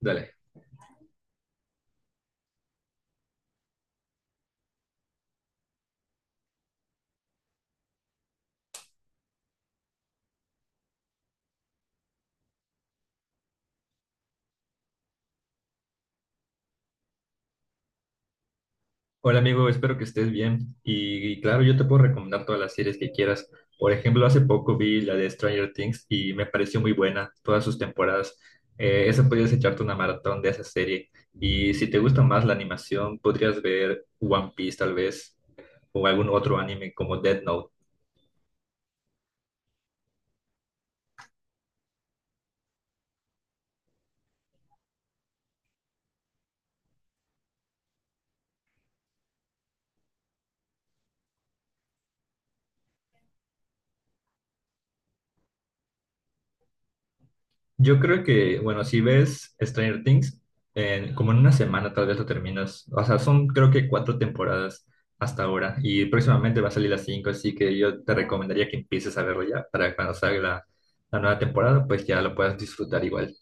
Dale. Hola amigo, espero que estés bien. Y claro, yo te puedo recomendar todas las series que quieras. Por ejemplo, hace poco vi la de Stranger Things y me pareció muy buena, todas sus temporadas. Esa podrías echarte una maratón de esa serie. Y si te gusta más la animación, podrías ver One Piece tal vez, o algún otro anime como Death Note. Yo creo que, bueno, si ves Stranger Things, como en 1 semana tal vez lo terminas. O sea, son creo que 4 temporadas hasta ahora y próximamente va a salir las cinco, así que yo te recomendaría que empieces a verlo ya para cuando salga la nueva temporada, pues ya lo puedas disfrutar igual.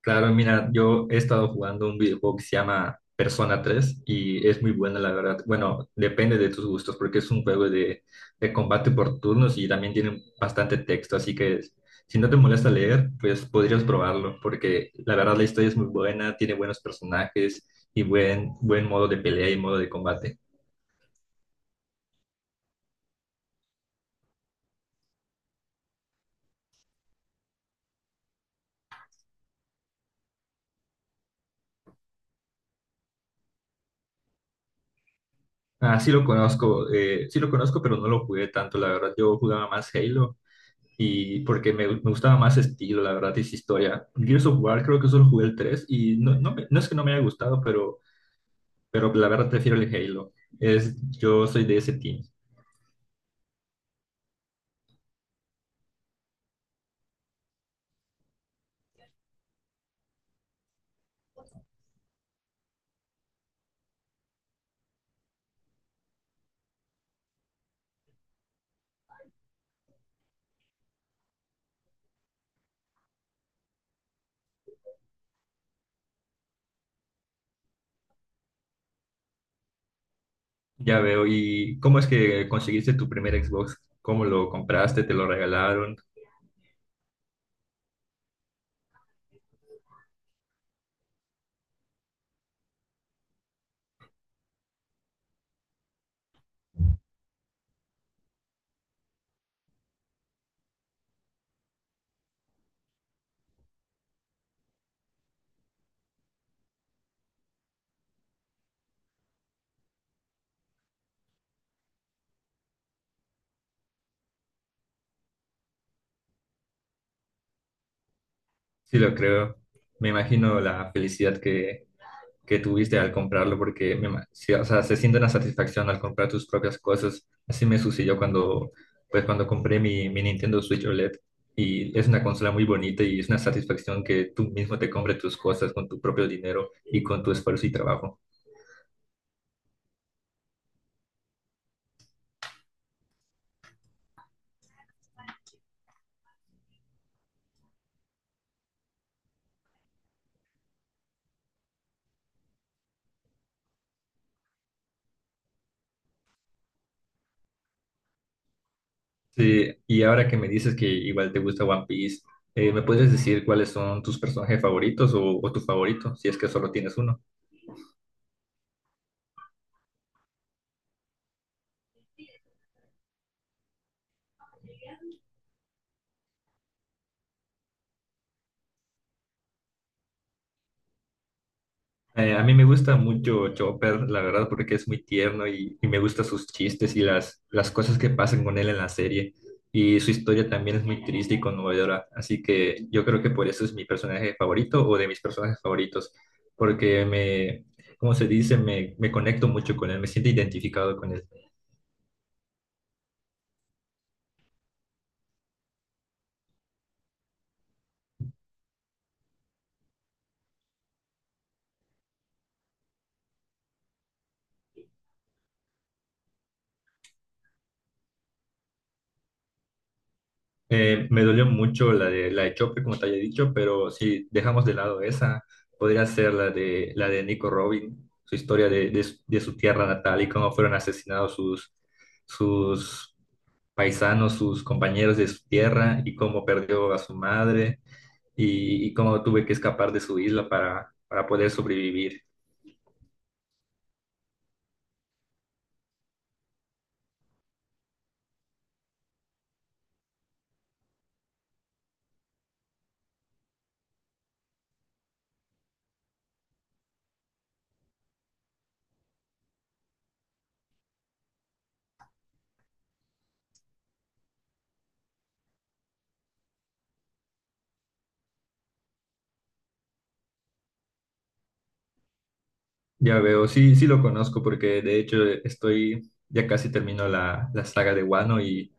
Claro, mira, yo he estado jugando un videojuego que se llama Persona 3 y es muy buena, la verdad. Bueno, depende de tus gustos porque es un juego de combate por turnos y también tiene bastante texto, así que si no te molesta leer, pues podrías probarlo porque la verdad la historia es muy buena, tiene buenos personajes y buen modo de pelea y modo de combate. Ah, sí lo conozco, pero no lo jugué tanto, la verdad. Yo jugaba más Halo. Y porque me gustaba más estilo, la verdad, y esa historia. Gears of War creo que solo jugué el 3 y no, no, no es que no me haya gustado, pero la verdad prefiero el Halo. Es, yo soy de ese team. Ya veo. ¿Y cómo es que conseguiste tu primer Xbox? ¿Cómo lo compraste? ¿Te lo regalaron? Sí, lo creo. Me imagino la felicidad que tuviste al comprarlo, porque sí, o sea, se siente una satisfacción al comprar tus propias cosas. Así me sucedió cuando, pues, cuando compré mi Nintendo Switch OLED y es una consola muy bonita y es una satisfacción que tú mismo te compres tus cosas con tu propio dinero y con tu esfuerzo y trabajo. Sí, y ahora que me dices que igual te gusta One Piece, ¿me puedes decir cuáles son tus personajes favoritos o tu favorito, si es que solo tienes uno? A mí me gusta mucho Chopper, la verdad, porque es muy tierno y me gustan sus chistes y las cosas que pasan con él en la serie. Y su historia también es muy triste y conmovedora. Así que yo creo que por eso es mi personaje favorito o de mis personajes favoritos, porque me, como se dice? Me conecto mucho con él, me siento identificado con él. Me dolió mucho la de Chope, como te había dicho, pero si dejamos de lado esa, podría ser la de Nico Robin, su historia de su tierra natal y cómo fueron asesinados sus paisanos, sus compañeros de su tierra y cómo perdió a su madre y cómo tuve que escapar de su isla para poder sobrevivir. Ya veo, sí, sí lo conozco porque de hecho estoy, ya casi termino la saga de Wano y...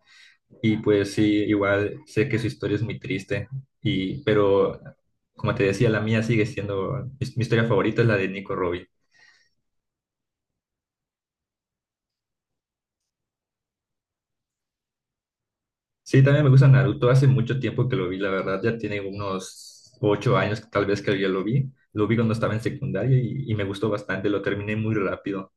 Y pues sí, igual sé que su historia es muy triste, y, pero como te decía, la mía sigue siendo, mi historia favorita es la de Nico Robin. Sí, también me gusta Naruto, hace mucho tiempo que lo vi, la verdad, ya tiene unos 8 años tal vez que yo lo vi cuando estaba en secundaria y me gustó bastante, lo terminé muy rápido.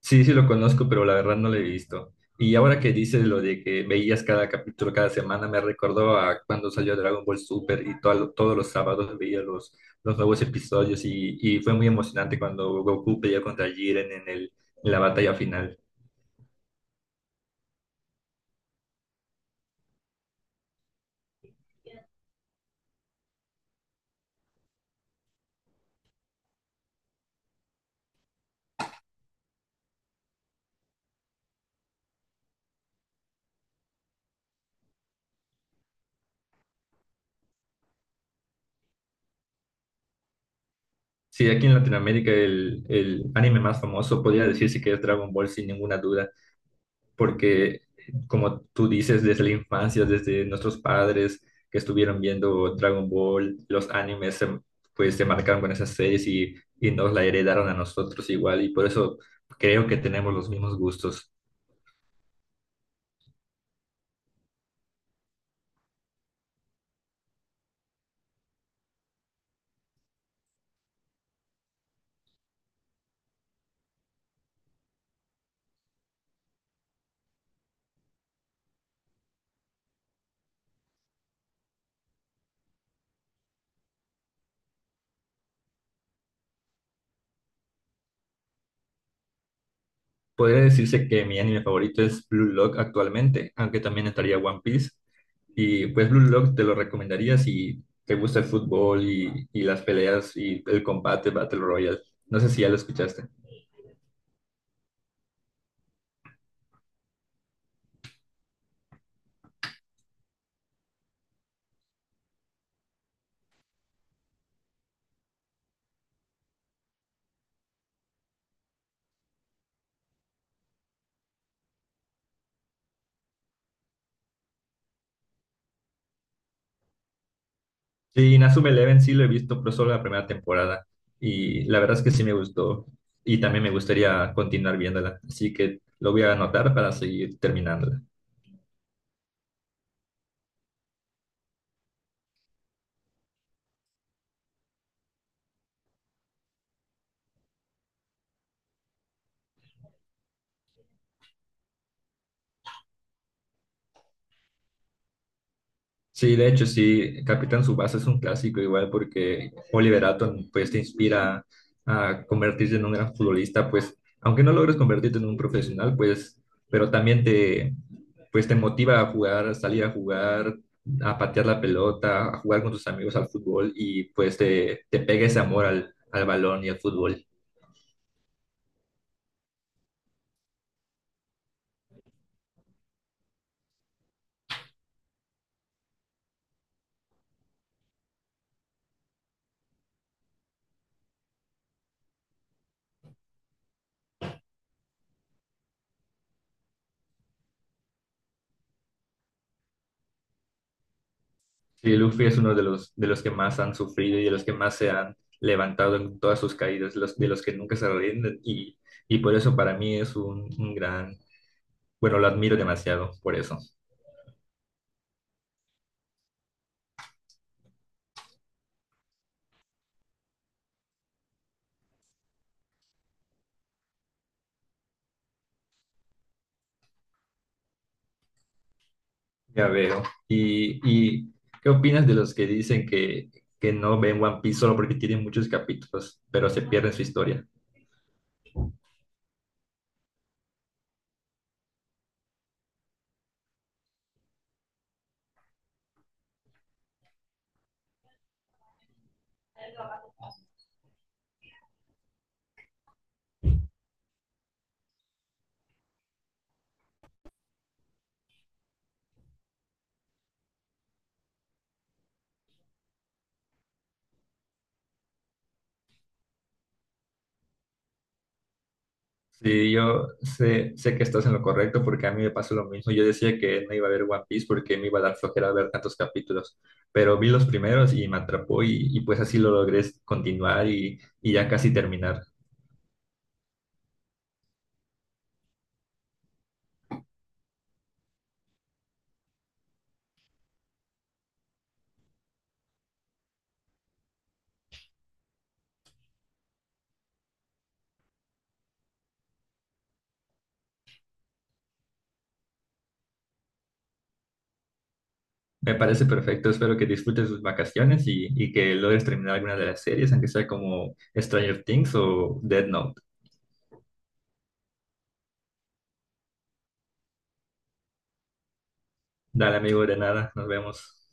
Sí, sí lo conozco, pero la verdad no lo he visto. Y ahora que dices lo de que veías cada capítulo cada semana, me recordó a cuando salió Dragon Ball Super y todos los sábados veía los nuevos episodios y fue muy emocionante cuando Goku peleó contra Jiren en en la batalla final. Sí, aquí en Latinoamérica el anime más famoso podría decirse que es Dragon Ball sin ninguna duda, porque como tú dices, desde la infancia, desde nuestros padres que estuvieron viendo Dragon Ball, los animes, pues se marcaron con esas series y nos la heredaron a nosotros igual, y por eso creo que tenemos los mismos gustos. Podría decirse que mi anime favorito es Blue Lock actualmente, aunque también estaría One Piece. Y pues Blue Lock te lo recomendaría si te gusta el fútbol y las peleas y el combate Battle Royale. No sé si ya lo escuchaste. Sí, Inazuma Eleven sí lo he visto, pero solo la primera temporada. Y la verdad es que sí me gustó. Y también me gustaría continuar viéndola. Así que lo voy a anotar para seguir terminándola. Sí, de hecho, sí, Capitán Subasa es un clásico igual porque Oliver Atom pues te inspira a convertirte en un gran futbolista, pues aunque no logres convertirte en un profesional, pues pero también te pues te motiva a jugar, a salir a jugar, a patear la pelota, a jugar con tus amigos al fútbol y pues te pega ese amor al balón y al fútbol. Sí, Luffy es uno de los que más han sufrido y de los que más se han levantado en todas sus caídas, los, de los que nunca se rinden y por eso para mí es un gran, bueno, lo admiro demasiado por eso. Ya veo. ¿Y qué opinas de los que dicen que no ven One Piece solo porque tienen muchos capítulos, pero se pierden su historia? Sí, yo sé, sé que estás en lo correcto porque a mí me pasó lo mismo. Yo decía que no iba a ver One Piece porque me iba a dar flojera ver tantos capítulos, pero vi los primeros y me atrapó y pues así lo logré continuar y ya casi terminar. Me parece perfecto, espero que disfrutes tus vacaciones y que logres terminar alguna de las series, aunque sea como Stranger Things o Dead Note. Dale, amigo, de nada, nos vemos.